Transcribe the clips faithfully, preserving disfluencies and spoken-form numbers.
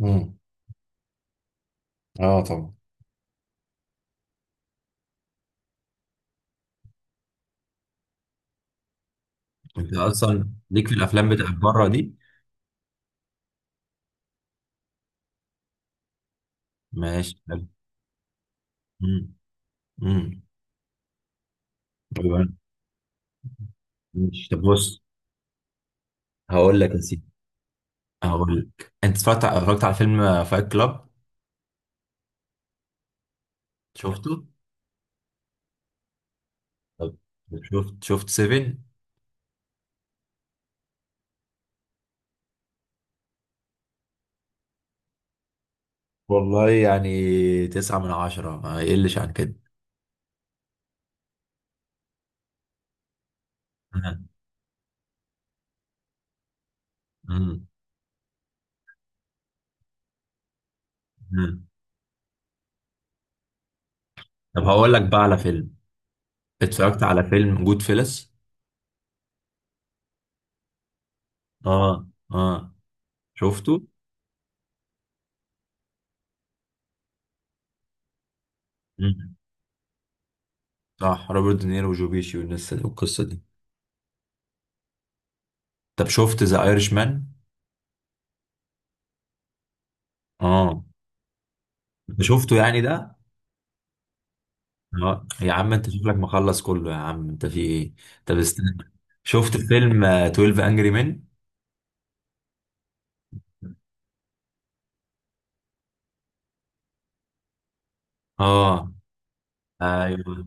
امم. اه طبعا، انت اصلا ليك في الافلام بتاع بره دي؟ ماشي حلو. امم، امم. طيب، ماشي، طب، بص. هقول لك يا سيدي. هقول لك انت اتفرجت اتفرجت على فيلم فايت كلاب. شفته؟ طب طب شفت شفت سيفن؟ والله يعني تسعة من عشرة، ما يقلش عن كده. مم. مم. مم. طب هقول لك بقى على فيلم، اتفرجت على فيلم جود فيلس. اه، اه، شفته؟ مم. صح، روبرت دينيرو وجو بيشي والناس والقصة دي. طب شفت ذا ايرش مان؟ اه. انت شفته يعني ده؟ اه يا عم، انت شكلك مخلص كله، يا عم انت في ايه! طب استنى. شفت فيلم آه، اتناشر انجري مان؟ اه، ايوه،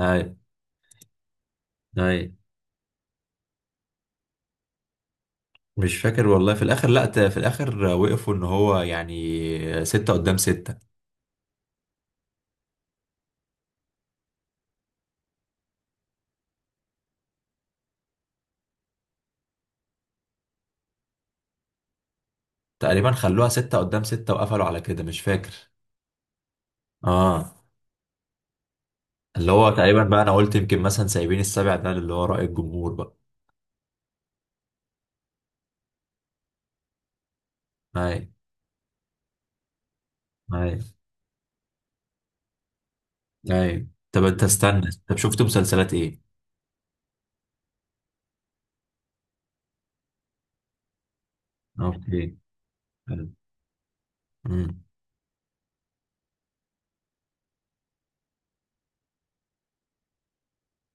ايوه، ايوه. مش فاكر والله. في الاخر، لا، ت- في الاخر وقفوا ان هو يعني ستة قدام ستة. تقريبا خلوها ستة قدام ستة وقفلوا على كده، مش فاكر. اه. اللي هو تقريبا بقى، انا قلت يمكن مثلا سايبين السبع ده اللي هو رأي الجمهور بقى. ايوه، ايوه، ايوه. طب انت استنى، طب شفت مسلسلات ايه؟ اوكي. حلو. مم.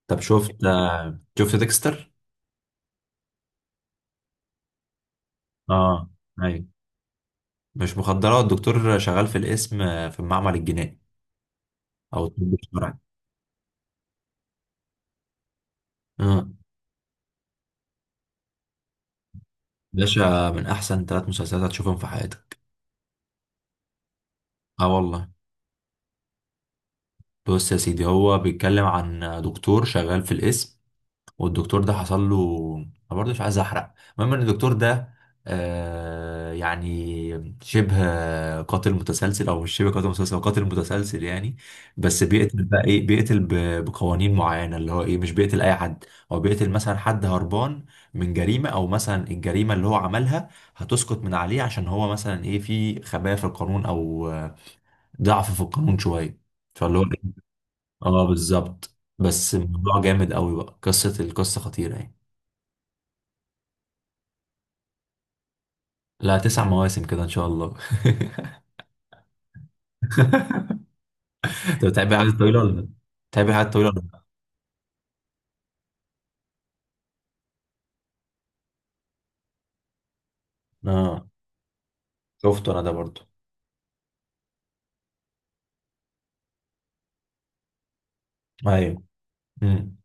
طب شفت آه، شفت ديكستر؟ اه. ايوه. مش مخدرات، الدكتور شغال في القسم، آه، في المعمل الجنائي او الطب الشرعي. اه. باشا من احسن ثلاث مسلسلات هتشوفهم في حياتك. اه والله. بص يا سيدي، هو بيتكلم عن دكتور شغال في القسم، والدكتور ده حصل له، انا برضه مش عايز احرق. المهم ان الدكتور ده آه يعني شبه قاتل متسلسل، او مش شبه قاتل متسلسل، هو قاتل متسلسل يعني. بس بيقتل بقى ايه، بيقتل ب- بقوانين معينه، اللي هو ايه، مش بيقتل اي حد. هو بيقتل مثلا حد هربان من جريمه، او مثلا الجريمه اللي هو عملها هتسقط من عليه، عشان هو مثلا ايه، في خبايا في القانون او آه، ضعف في القانون شويه. فاللي هو إيه؟ اه، بالظبط. بس الموضوع جامد قوي بقى، قصه القصه خطيره يعني. لا، تسع مواسم كده ان شاء الله. انت بتحب الحاجات الطويله ولا لا؟ بتحب الحاجات الطويله ولا لا؟ اه، شفته انا ده برضو. ايوه. امم.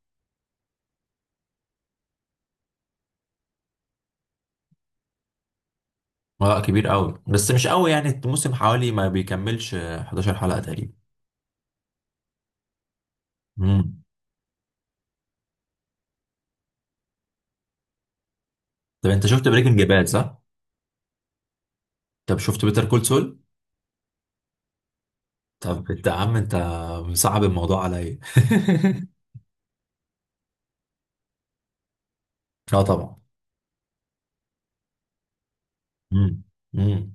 اه كبير قوي، بس مش قوي يعني، الموسم حوالي ما بيكملش آه، حداشر حلقه تقريبا. امم. طب انت شفت بريكنج باد صح؟ طب شفت بيتر كول سول؟ طب انت يا عم، انت مصعب الموضوع عليا. اه طبعا. امم، امم.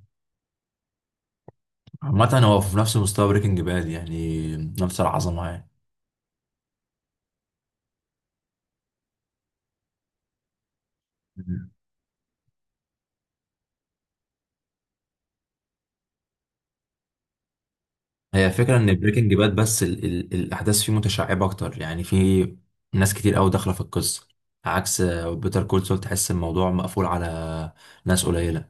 عامة هو في نفس مستوى بريكنج باد يعني، نفس العظمة يعني. هي فكرة ان بريكنج باد، بس ال ال الاحداث فيه متشعبة اكتر، يعني في ناس كتير قوي داخلة في القصة، عكس بيتر كول سول، تحس الموضوع مقفول على ناس قليلة.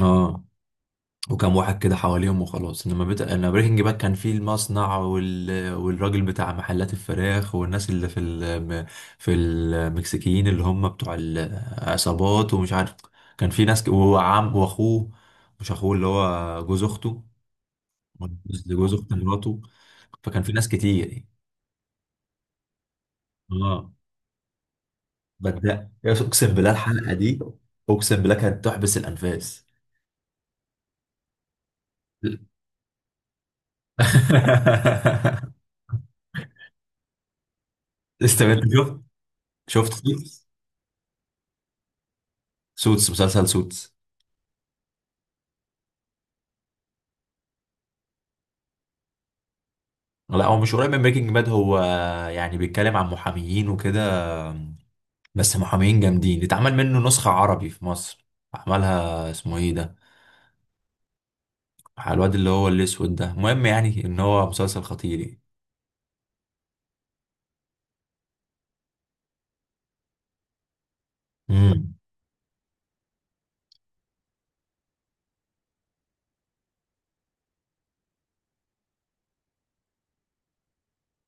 اه، وكم واحد كده حواليهم وخلاص. انما بيت... انا بريكنج باد كان فيه المصنع وال... والراجل بتاع محلات الفراخ، والناس اللي في ال... في المكسيكيين اللي هم بتوع العصابات، ومش عارف، كان في ناس ك... وعم واخوه، مش اخوه اللي هو جوز اخته، لجوز اخت مراته، فكان في ناس كتير يعني. اه، بدأ اقسم بالله الحلقه دي، اقسم بالله كانت تحبس الانفاس. لسه انت شفت؟ شفت سوتس؟ سوتس، مسلسل سوتس. لا، هو مش قريب من بريكنج باد، هو يعني بيتكلم عن محاميين وكده، بس محامين جامدين. اتعمل منه نسخة عربي في مصر، عملها اسمه ايه ده، على الواد اللي هو الاسود ده. المهم يعني ان هو مسلسل خطير يعني. امم.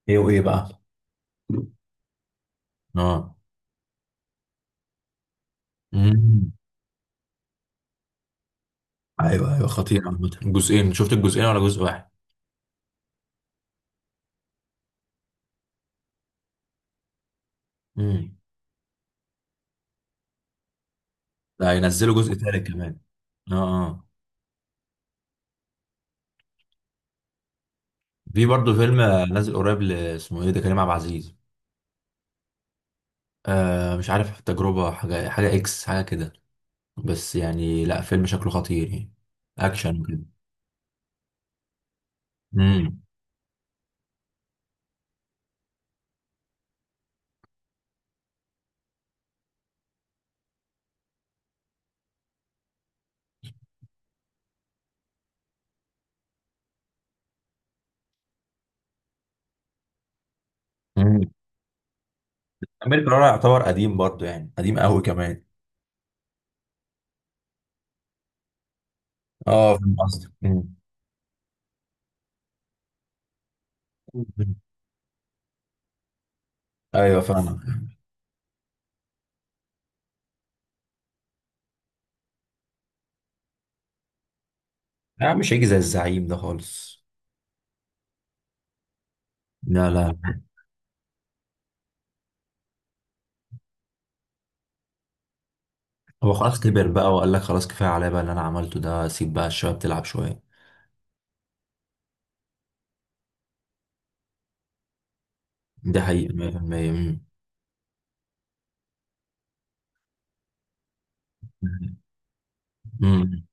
ايه وايه بقى؟ اه. امم. ايوه، ايوه، خطير عامة، جزئين، شفت الجزئين ولا جزء واحد؟ امم. ده هينزلوا جزء تالت كمان. اه. اه. في برضه فيلم آه، نازل قريب ل- اسمه ايه ده، كريم عبد العزيز. آه مش عارف، تجربة حاجة، حاجة اكس حاجة كده، بس يعني لا فيلم شكله خطير يعني، اكشن كده. امم. امم. امير كرارة يعتبر قديم برضه، يعني قديم قوي كمان. اه فاهم قصدك. أمم. ايوه فاهمك. لا، مش هيجي زي الزعيم ده خالص. لا، لا. هو خلاص كبر بقى، وقال لك خلاص كفايه عليا بقى، اللي انا عملته ده، سيب بقى الشباب تلعب شويه. دي حقيقه مئة بالمئة. امم، امم.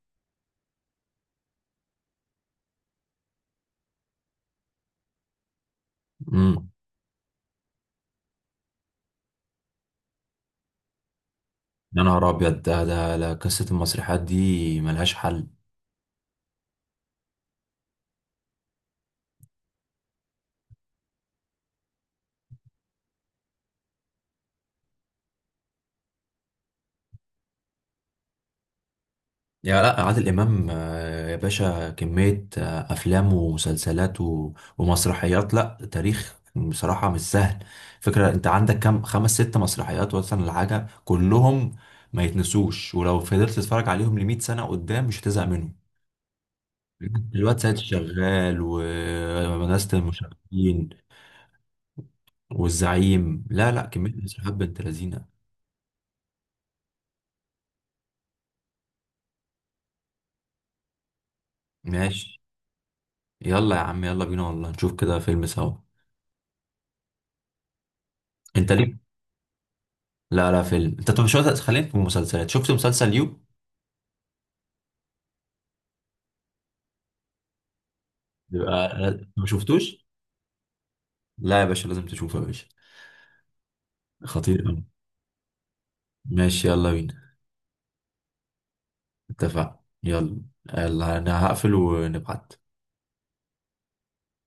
أمم. يا نهار ابيض ده ده لا، قصه المسرحيات دي ملهاش حل. يا، لا، عادل امام، آه، يا باشا، كميه آه، افلام ومسلسلات و- ومسرحيات، لا تاريخ بصراحه مش سهل. فكره انت عندك كام، خمس ست مسرحيات مثلا، الحاجه كلهم ما يتنسوش، ولو فضلت تتفرج عليهم لمية سنه قدام مش هتزهق منهم. الواد سيد شغال، وناس المشرفين، والزعيم. لا، لا، كمية مسرحيات بنت لذينة. ماشي، يلا يا عم، يلا بينا والله نشوف كده فيلم سوا. انت ليه؟ لا، لا، فيلم انت، طب شو، خلينا في المسلسلات. شفت مسلسل يو؟ يبقى ما شفتوش؟ لا يا باشا، لازم تشوفه يا باشا، خطير أوي. ماشي، يلا بينا. اتفق، يلا. يلا انا هقفل ونبعت.